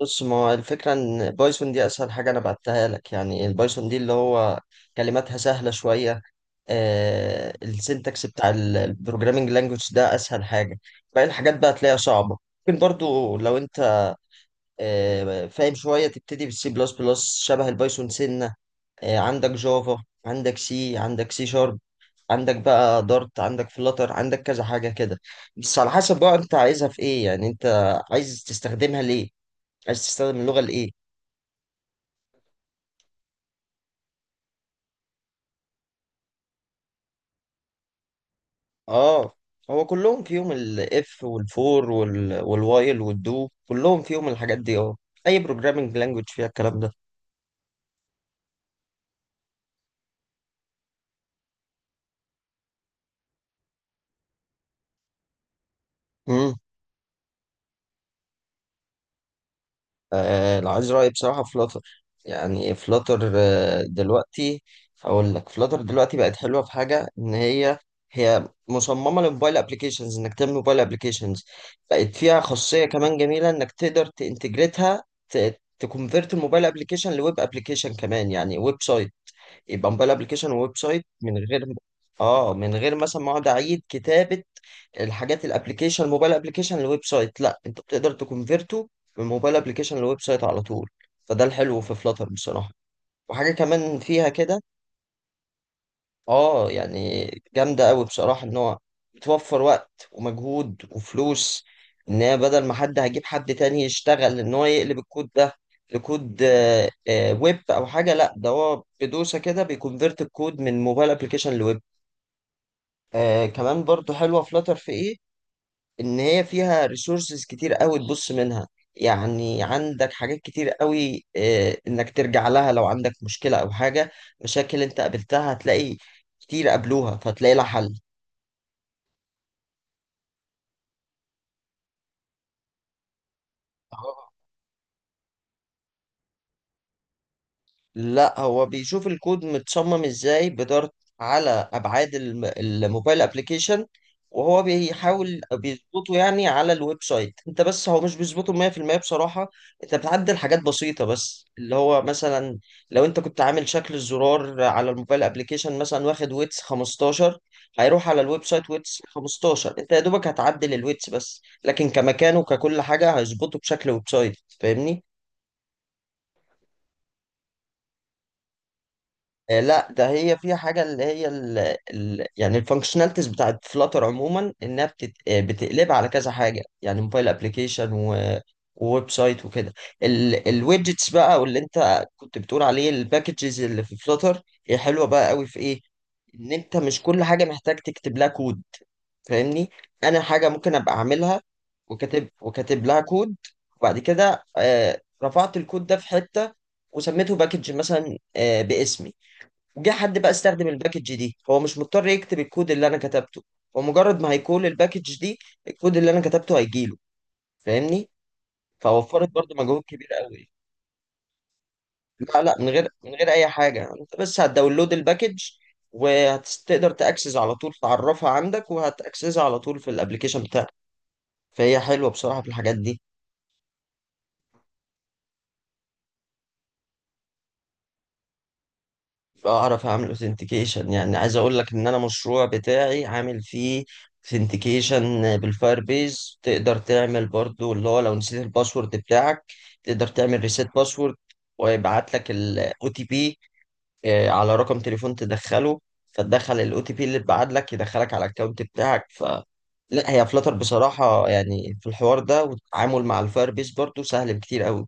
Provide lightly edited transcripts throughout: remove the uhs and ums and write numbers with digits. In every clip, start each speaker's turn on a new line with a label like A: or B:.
A: بص، ما هو الفكرة إن بايثون دي أسهل حاجة أنا بعتها لك، يعني البايثون دي اللي هو كلماتها سهلة شوية. السنتكس بتاع البروجرامينج لانجوج ده أسهل حاجة. باقي الحاجات بقى تلاقيها صعبة. ممكن برضو لو أنت فاهم شوية، تبتدي بالسي بلس بلس شبه البايثون سنة. عندك جافا، عندك سي، عندك سي شارب، عندك بقى دارت، عندك فلاتر، عندك كذا حاجة كده. بس على حسب بقى أنت عايزها في إيه، يعني أنت عايز تستخدمها ليه؟ عايز تستخدم اللغة لإيه؟ اه، هو كلهم فيهم الاف والفور والوايل والدو، كلهم فيهم الحاجات دي، اه. اي بروجرامنج لانجوج فيها الكلام ده. امم لو عايز رايي بصراحه، فلاتر. يعني فلاتر دلوقتي. هقول لك، فلاتر دلوقتي بقت حلوه في حاجه، ان هي مصممه للموبايل ابلكيشنز، انك تعمل موبايل ابلكيشنز. بقت فيها خاصيه كمان جميله انك تقدر تنتجريتها. تكونفيرت الموبايل ابلكيشن لويب ابلكيشن كمان، يعني ويب سايت. يبقى موبايل ابلكيشن وويب سايت من غير. اه، من غير مثلا ما اقعد اعيد كتابه الحاجات، الابلكيشن موبايل ابلكيشن لويب سايت، لا، انت بتقدر تكونفيرته من موبايل ابلكيشن لويب سايت على طول. فده الحلو في فلاتر بصراحه. وحاجه كمان فيها كده، اه يعني جامده قوي بصراحه، ان هو بتوفر وقت ومجهود وفلوس. ان هي بدل ما حد هجيب حد تاني يشتغل ان هو يقلب الكود ده لكود، ويب او حاجه، لا ده هو بدوسه كده بيكونفيرت الكود من موبايل ابلكيشن لويب. كمان برضو حلوة فلاتر في ايه، ان هي فيها ريسورسز كتير قوي تبص منها. يعني عندك حاجات كتير قوي، انك ترجع لها لو عندك مشكلة او حاجة، مشاكل انت قابلتها هتلاقي كتير قابلوها فتلاقي لها حل. لا، هو بيشوف الكود متصمم ازاي بدارت، على ابعاد الموبايل ابلكيشن. وهو بيحاول بيظبطه، يعني على الويب سايت، انت بس هو مش بيظبطه 100% بصراحة. انت بتعدل حاجات بسيطة بس، اللي هو مثلا لو انت كنت عامل شكل الزرار على الموبايل ابلكيشن مثلا واخد ويتس 15، هيروح على الويب سايت ويتس 15، انت يا دوبك هتعدل الويتس بس، لكن كمكان وككل حاجة هيظبطه بشكل ويب سايت، فاهمني؟ لا، ده هي فيها حاجة اللي هي ال، يعني الفانكشناليتيز بتاعت فلاتر عموما، انها بتت آه، بتقلبها على كذا حاجة، يعني موبايل ابلكيشن وويب سايت وكده. الويدجتس بقى واللي انت كنت بتقول عليه الباكجز اللي في فلاتر، هي حلوة بقى قوي في ايه، ان انت مش كل حاجة محتاج تكتب لها كود، فاهمني؟ انا حاجة ممكن ابقى اعملها وكاتب لها كود، وبعد كده رفعت الكود ده في حتة وسميته باكج مثلا باسمي. جه حد بقى استخدم الباكج دي، هو مش مضطر يكتب الكود اللي انا كتبته، هو مجرد ما هيكول الباكج دي، الكود اللي انا كتبته هيجيله، فاهمني؟ فوفرت برضو مجهود كبير قوي. لا، لا، من غير اي حاجه، انت بس هتداونلود الباكج وهتقدر تاكسس على طول، تعرفها عندك وهتاكسسها على طول في الابليكيشن بتاعك. فهي حلوه بصراحه في الحاجات دي. اعرف اعمل اوثنتيكيشن، يعني عايز اقول لك ان انا مشروع بتاعي عامل فيه اوثنتيكيشن بالفاير بيز، تقدر تعمل برضو اللي هو لو نسيت الباسورد بتاعك تقدر تعمل ريسيت باسورد، ويبعت لك الاو تي بي على رقم تليفون تدخله، فتدخل الاو تي بي اللي اتبعت لك يدخلك على الاكونت بتاعك. لا هي فلتر بصراحة، يعني في الحوار ده والتعامل مع الفاير بيز برضو سهل بكتير قوي.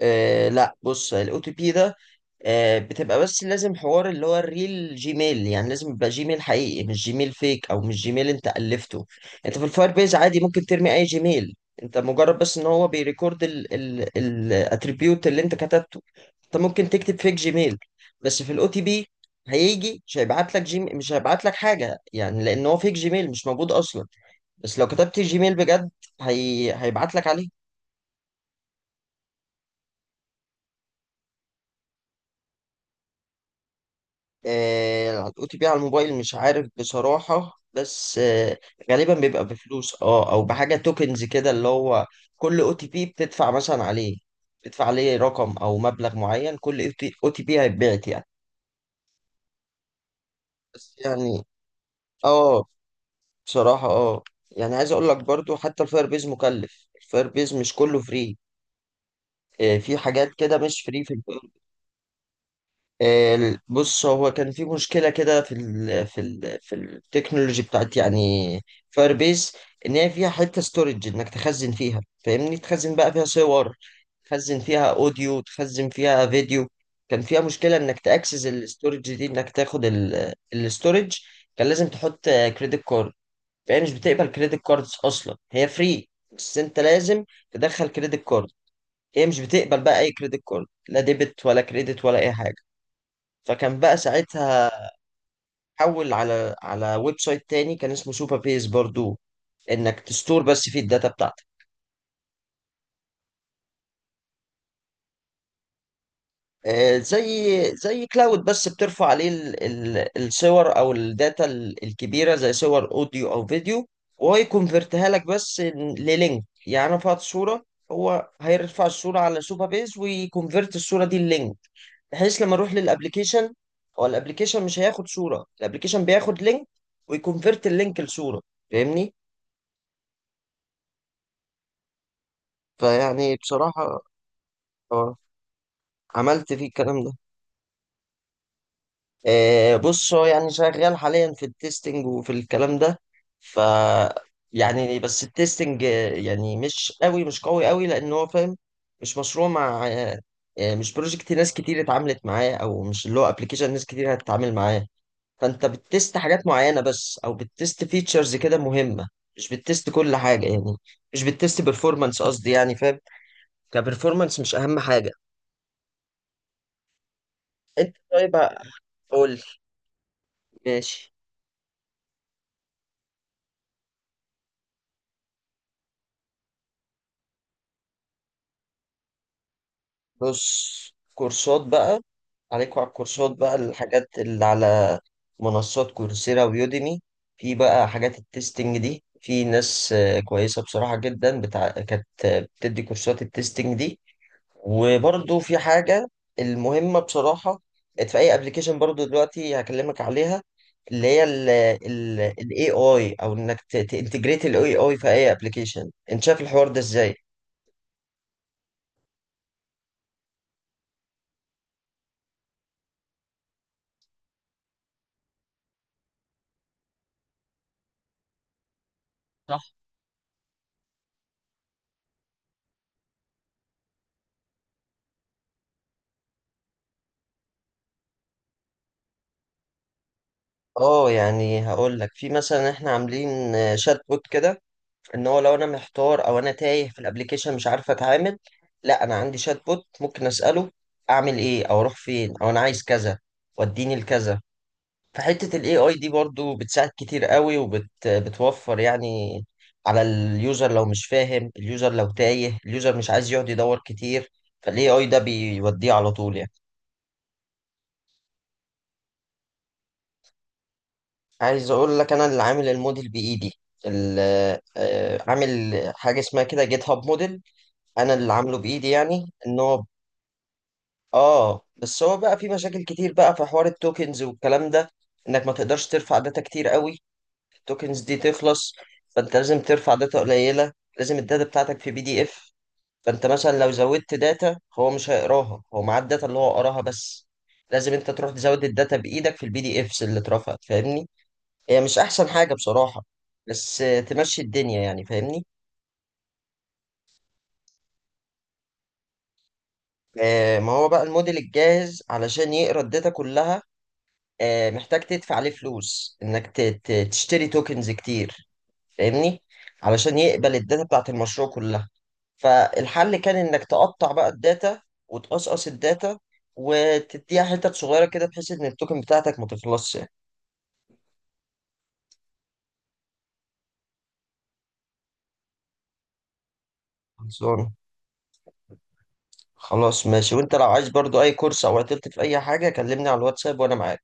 A: آه، لا، بص الاو تي بي ده بتبقى، بس لازم حوار اللي هو الريل جيميل، يعني لازم يبقى جيميل حقيقي، مش جيميل فيك او مش جيميل انت الفته. انت في الفاير بيز عادي ممكن ترمي اي جيميل، انت مجرد بس ان هو بيريكورد الاتريبيوت اللي انت كتبته. انت ممكن تكتب فيك جيميل، بس في الاو تي بي هيجي مش هيبعت لك جيميل، مش هيبعت لك حاجه، يعني لان هو فيك جيميل مش موجود اصلا. بس لو كتبت جيميل بجد، هيبعت لك عليه. هتقطي بيه على الموبايل مش عارف بصراحة، بس غالبا بيبقى بفلوس، اه، او بحاجة توكنز كده اللي هو كل او تي بي بتدفع مثلا عليه، بتدفع عليه رقم او مبلغ معين كل او تي بي هيتبعت يعني. بس يعني، اه، بصراحة، اه، يعني عايز اقول لك برضو، حتى الفاير بيز مكلف، الفاير بيز مش كله فري، في حاجات كده مش فري. بص هو كان في مشكلة كده في التكنولوجي بتاعت يعني فاير بيس، ان هي فيها حتة ستورج انك تخزن فيها، فاهمني؟ تخزن بقى فيها صور، تخزن فيها اوديو، تخزن فيها فيديو. كان فيها مشكلة انك تاكسس الستورج دي، انك تاخد الستورج كان لازم تحط كريدت كارد. فهي مش بتقبل كريدت كاردز، اصلا هي فري بس انت لازم تدخل كريدت كارد. هي مش بتقبل بقى اي كريدت كارد، لا ديبت ولا كريدت ولا اي حاجة. فكان بقى ساعتها حول على ويب سايت تاني كان اسمه سوبر بيس برضو، انك تستور بس فيه الداتا بتاعتك. زي كلاود، بس بترفع عليه الصور او الداتا الكبيره، زي صور اوديو او فيديو، وهو يكونفرتها لك بس للينك. يعني انا رفعت صوره، هو هيرفع الصوره على سوبر بيس ويكونفرت الصوره دي للينك، بحيث لما اروح للابليكيشن، هو الابليكيشن مش هياخد صوره، الابليكيشن بياخد لينك ويكونفرت اللينك لصوره، فاهمني؟ فيعني بصراحة، اه، عملت فيه الكلام ده. بص هو يعني شغال حاليا في التستنج وفي الكلام ده. ف يعني بس التستنج يعني مش قوي، مش قوي قوي، لأن هو فاهم مش مشروع مع آه، مش بروجكت ناس كتير اتعاملت معاه، أو مش اللي هو ابلكيشن ناس كتير هتتعامل معاه. فأنت بتست حاجات معينة بس، أو بتست فيتشرز كده مهمة، مش بتست كل حاجة يعني، مش بتست بيرفورمانس، قصدي يعني، فاهم؟ كبرفورمانس مش أهم حاجة. انت طيب، قول لي. ماشي. بص، كورسات بقى عليكوا، على الكورسات بقى الحاجات اللي على منصات كورسيرا ويوديمي. في بقى حاجات التستنج دي، في ناس كويسة بصراحة جدا، كانت بتدي كورسات التستنج دي. وبرضو في حاجة المهمة بصراحة، كانت في أي ابلكيشن برضو دلوقتي هكلمك عليها، اللي هي ال AI، أو إنك تانتجريت ال AI في أي ابلكيشن، أنت شايف الحوار ده إزاي؟ اه، يعني هقول لك، في مثلا احنا عاملين شات بوت كده، ان هو لو انا محتار او انا تايه في الابليكيشن مش عارف اتعامل، لا انا عندي شات بوت ممكن اساله اعمل ايه، او اروح فين، او انا عايز كذا، وديني لكذا. فحته الاي اي دي برضو بتساعد كتير قوي بتوفر، يعني على اليوزر لو مش فاهم، اليوزر لو تايه، اليوزر مش عايز يقعد يدور كتير، فالاي اي ده بيوديه على طول يعني. عايز اقول لك، انا اللي عامل الموديل بايدي، ال- عامل حاجه اسمها كده جيت هاب موديل، انا اللي عامله بايدي، يعني ان هو اه، بس هو بقى في مشاكل كتير بقى في حوار التوكنز والكلام ده، انك ما تقدرش ترفع داتا كتير قوي، التوكنز دي تخلص. فانت لازم ترفع داتا قليله، لازم الداتا بتاعتك في بي دي اف. فانت مثلا لو زودت داتا هو مش هيقراها، هو معاه الداتا اللي هو قراها بس، لازم انت تروح تزود الداتا بايدك في البي دي افس اللي اترفعت، فاهمني؟ هي مش احسن حاجه بصراحه، بس تمشي الدنيا يعني، فاهمني؟ ما هو بقى الموديل الجاهز علشان يقرا الداتا كلها محتاج تدفع عليه فلوس، انك تشتري توكنز كتير، فاهمني؟ علشان يقبل الداتا بتاعت المشروع كلها. فالحل كان انك تقطع بقى الداتا، وتقصقص الداتا وتديها حتت صغيره كده، بحيث ان التوكن بتاعتك ما تخلصش يعني. خلصان. خلاص، ماشي، وانت لو عايز برضو اي كورس او عطلت في اي حاجه كلمني على الواتساب وانا معاك.